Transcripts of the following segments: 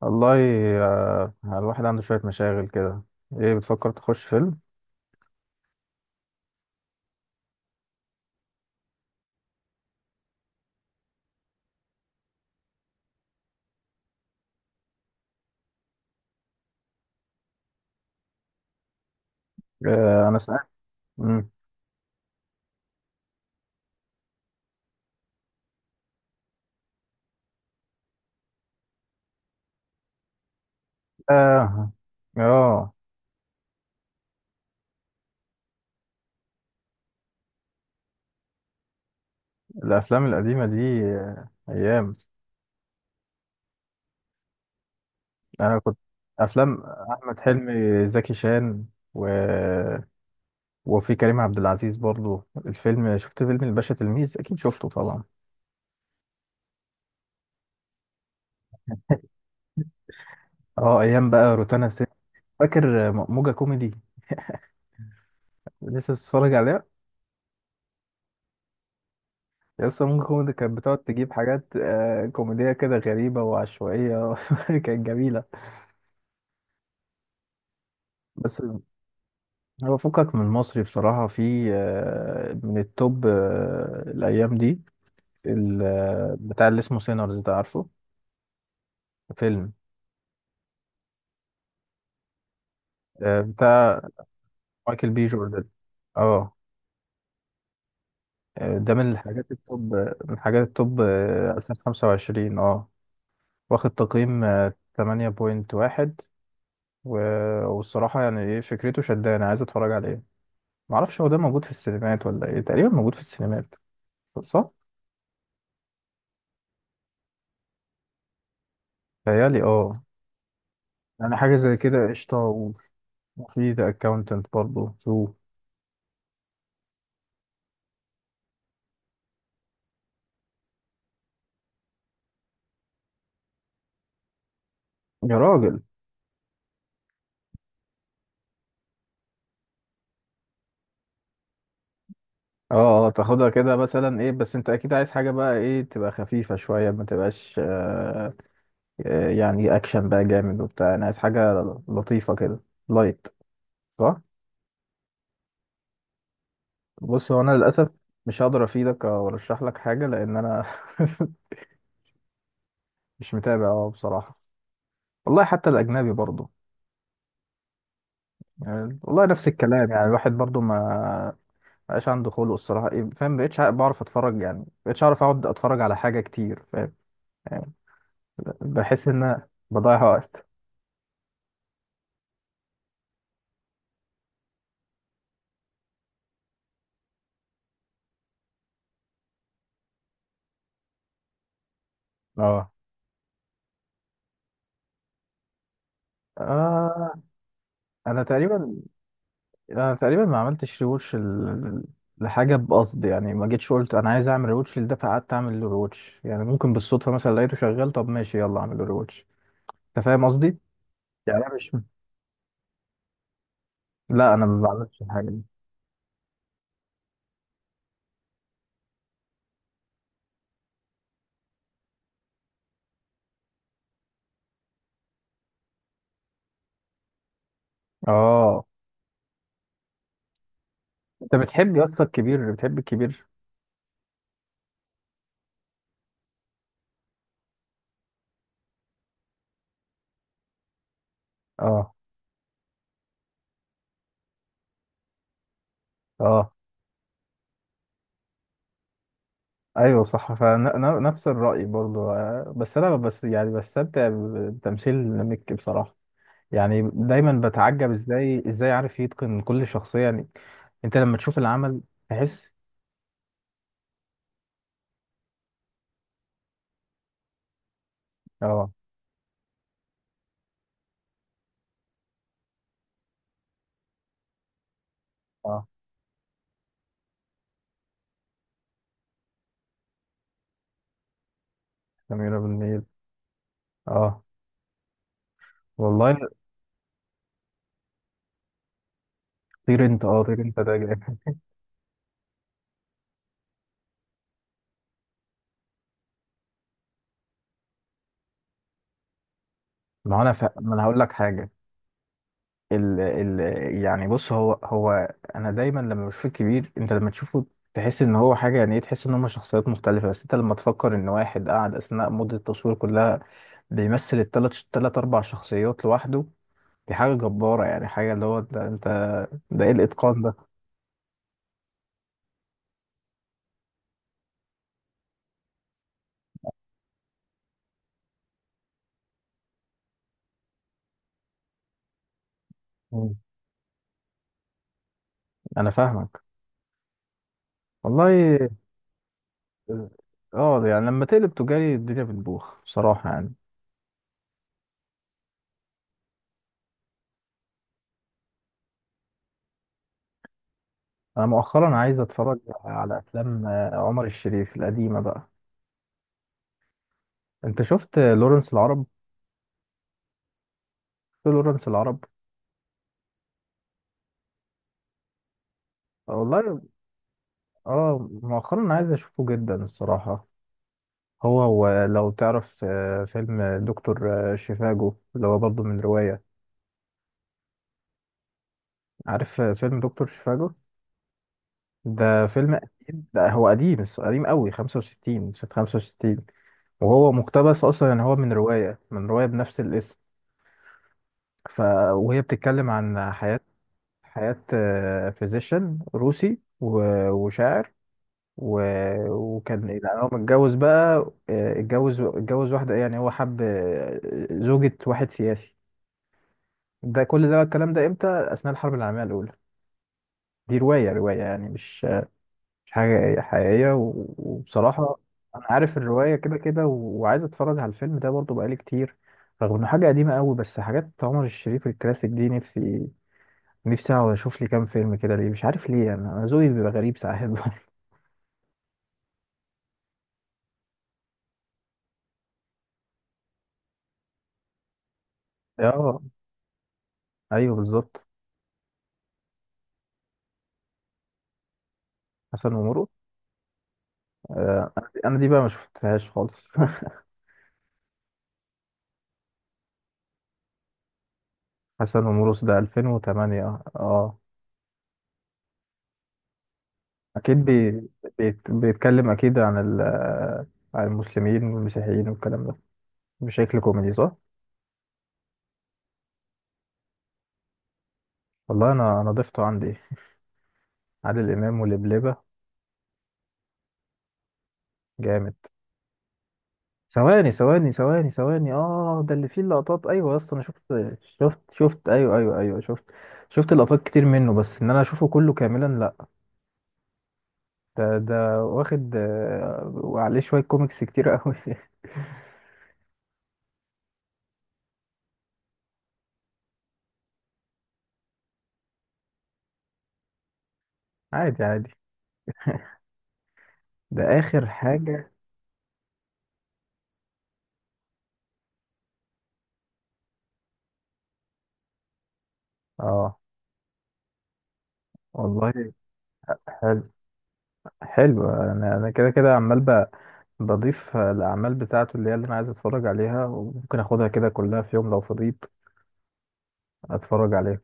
والله، الواحد عنده شوية مشاغل كده. ايه بتفكر تخش فيلم؟ انا سمعت. مم. اه. اه. الافلام القديمة دي ايام. انا كنت افلام احمد حلمي زكي شان و... وفي كريم عبد العزيز برضو الفيلم، شفت فيلم الباشا تلميذ؟ اكيد شفته طبعا. اه، ايام بقى روتانا الست، فاكر موجة كوميدي؟ لسه بتتفرج عليها؟ يس، ممكن كوميدي كانت بتقعد تجيب حاجات كوميدية كده غريبة وعشوائية كانت جميلة. بس هو فكك من المصري بصراحة، في من التوب الأيام دي، بتاع اللي اسمه سينرز، ده عارفه؟ فيلم بتاع مايكل بي جوردن. اه. ده من الحاجات التوب، من حاجات التوب 2025. اه. واخد تقييم 8.1. والصراحة يعني ايه، فكرته شدانة، عايز اتفرج عليه. معرفش هو ده موجود في السينمات ولا ايه، تقريبا موجود في السينمات، صح؟ تهيألي اه. يعني حاجة زي كده قشطة، وفي ذا اكاونتنت برضه شو؟ يا راجل. اه اه. تاخدها كده مثلا، ايه، بس انت اكيد عايز حاجة بقى، ايه، تبقى خفيفة شوية ما تبقاش يعني اكشن بقى جامد وبتاع. انا عايز حاجة لطيفة كده، لايت، صح؟ بص، هو انا للأسف مش هقدر افيدك او ارشح لك حاجة، لان انا مش متابع اه بصراحة. والله حتى الاجنبي برضه، يعني والله نفس الكلام. يعني الواحد برضو ما بقاش عنده خلق الصراحة، إيه، فاهم؟ بقيتش بعرف اتفرج، يعني ما بقيتش اعرف اقعد اتفرج على حاجة كتير، فاهم؟ يعني بحس ان أنا بضيع وقت. اه. آه. انا تقريبا انا تقريبا ما عملتش ريوتش لحاجة، بقصد يعني، ما جيتش قلت انا عايز اعمل ريوتش لده فقعدت اعمل له ريوتش، يعني ممكن بالصدفة مثلا لقيته شغال، طب ماشي يلا اعمل له ريوتش. انت فاهم قصدي؟ يعني أنا مش. لا، انا ما بعملش الحاجة دي. اه، انت بتحب يا اسطى الكبير؟ بتحب الكبير؟ اه اه. ايوه صح، فنفس الرأي برضو، بس انا، بس يعني، بستمتع بتمثيل مكي بصراحة. يعني دايما بتعجب ازاي عارف يتقن كل شخصية يعني. انت لما تشوف العمل تحس. اه اه. سميرة بالنيل. اه، والله. طير انت، اه، طير انت ده جامد ما هو انا ما انا هقول لك حاجة. ال ال يعني بص، هو انا دايما لما بشوف الكبير، انت لما تشوفه تحس ان هو حاجه، يعني ايه، تحس ان هم شخصيات مختلفه. بس انت لما تفكر ان واحد قعد اثناء مده التصوير كلها بيمثل الثلاث، ثلاث اربع شخصيات لوحده، دي حاجه جباره يعني. حاجه اللي هو ده، انت ده ايه الاتقان ده؟ مم. انا فاهمك، والله. اه يعني لما تقلب تجاري الدنيا بتبوخ بصراحه يعني. انا مؤخرا عايز اتفرج على افلام عمر الشريف القديمه بقى. انت شفت لورنس العرب؟ في لورنس العرب، والله. اه مؤخرا عايز اشوفه جدا الصراحة. هو لو تعرف فيلم دكتور شيفاجو، اللي هو برضه من رواية. عارف فيلم دكتور شيفاجو؟ ده فيلم قديم، ده هو قديم قديم قوي، 65 سنة، 65. وهو مقتبس اصلا، يعني هو من رواية، بنفس الاسم. ف وهي بتتكلم عن حياة، حياة فيزيشن روسي وشاعر و... وكان، يعني هو متجوز بقى، اتجوز واحدة، يعني هو حب زوجة واحد سياسي. ده كل ده الكلام ده امتى؟ أثناء الحرب العالمية الأولى. دي رواية، يعني مش حاجة حقيقية. وبصراحة أنا عارف الرواية كده كده، وعايز أتفرج على الفيلم ده برضه بقالي كتير، رغم إنه حاجة قديمة قوي. بس حاجات عمر الشريف الكلاسيك دي، نفسي، نفسي أقعد أشوف لي كام فيلم كده. ليه؟ مش عارف ليه. أنا ذوقي بيبقى غريب ساعات برضه. آه، أيوه بالظبط. حسن ومرقص؟ انا دي، أنا دي بقى ما شفتهاش خالص حسن ومرقص ده 2008. اه. اكيد بيتكلم اكيد عن ال... آه، عن المسلمين والمسيحيين والكلام ده بشكل كوميدي، صح؟ والله انا، ضفته عندي عادل امام ولبلبة، جامد. ثواني ثواني ثواني ثواني، اه، ده اللي فيه اللقطات. ايوه يا اسطى انا شفت، شفت. ايوه ايوه ايوه، شفت. شفت لقطات كتير منه، بس ان انا اشوفه كله كاملا لا. ده واخد وعليه شويه كوميكس كتير قوي عادي عادي. ده اخر حاجة. اه والله. حلو. حلو، انا كده كده عمال بضيف الاعمال بتاعته اللي هي، اللي انا عايز اتفرج عليها، وممكن اخدها كده كلها في يوم لو فضيت اتفرج عليها.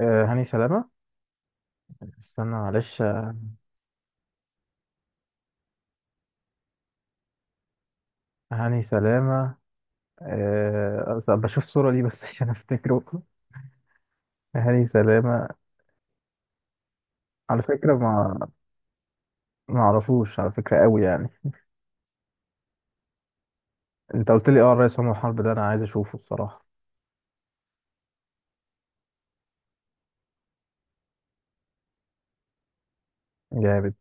آه، هاني سلامة. استنى معلش. هاني سلامة. أصل بشوف صورة ليه بس عشان افتكره. هاني سلامة، على فكرة، ما اعرفوش على فكرة، قوي يعني. انت قلت لي اه الرئيس عمر حرب، ده انا عايز اشوفه الصراحة، جامد.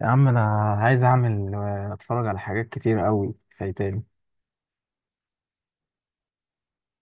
يا عم، انا عايز اعمل آه، اتفرج على حاجات كتير قوي فايتاني.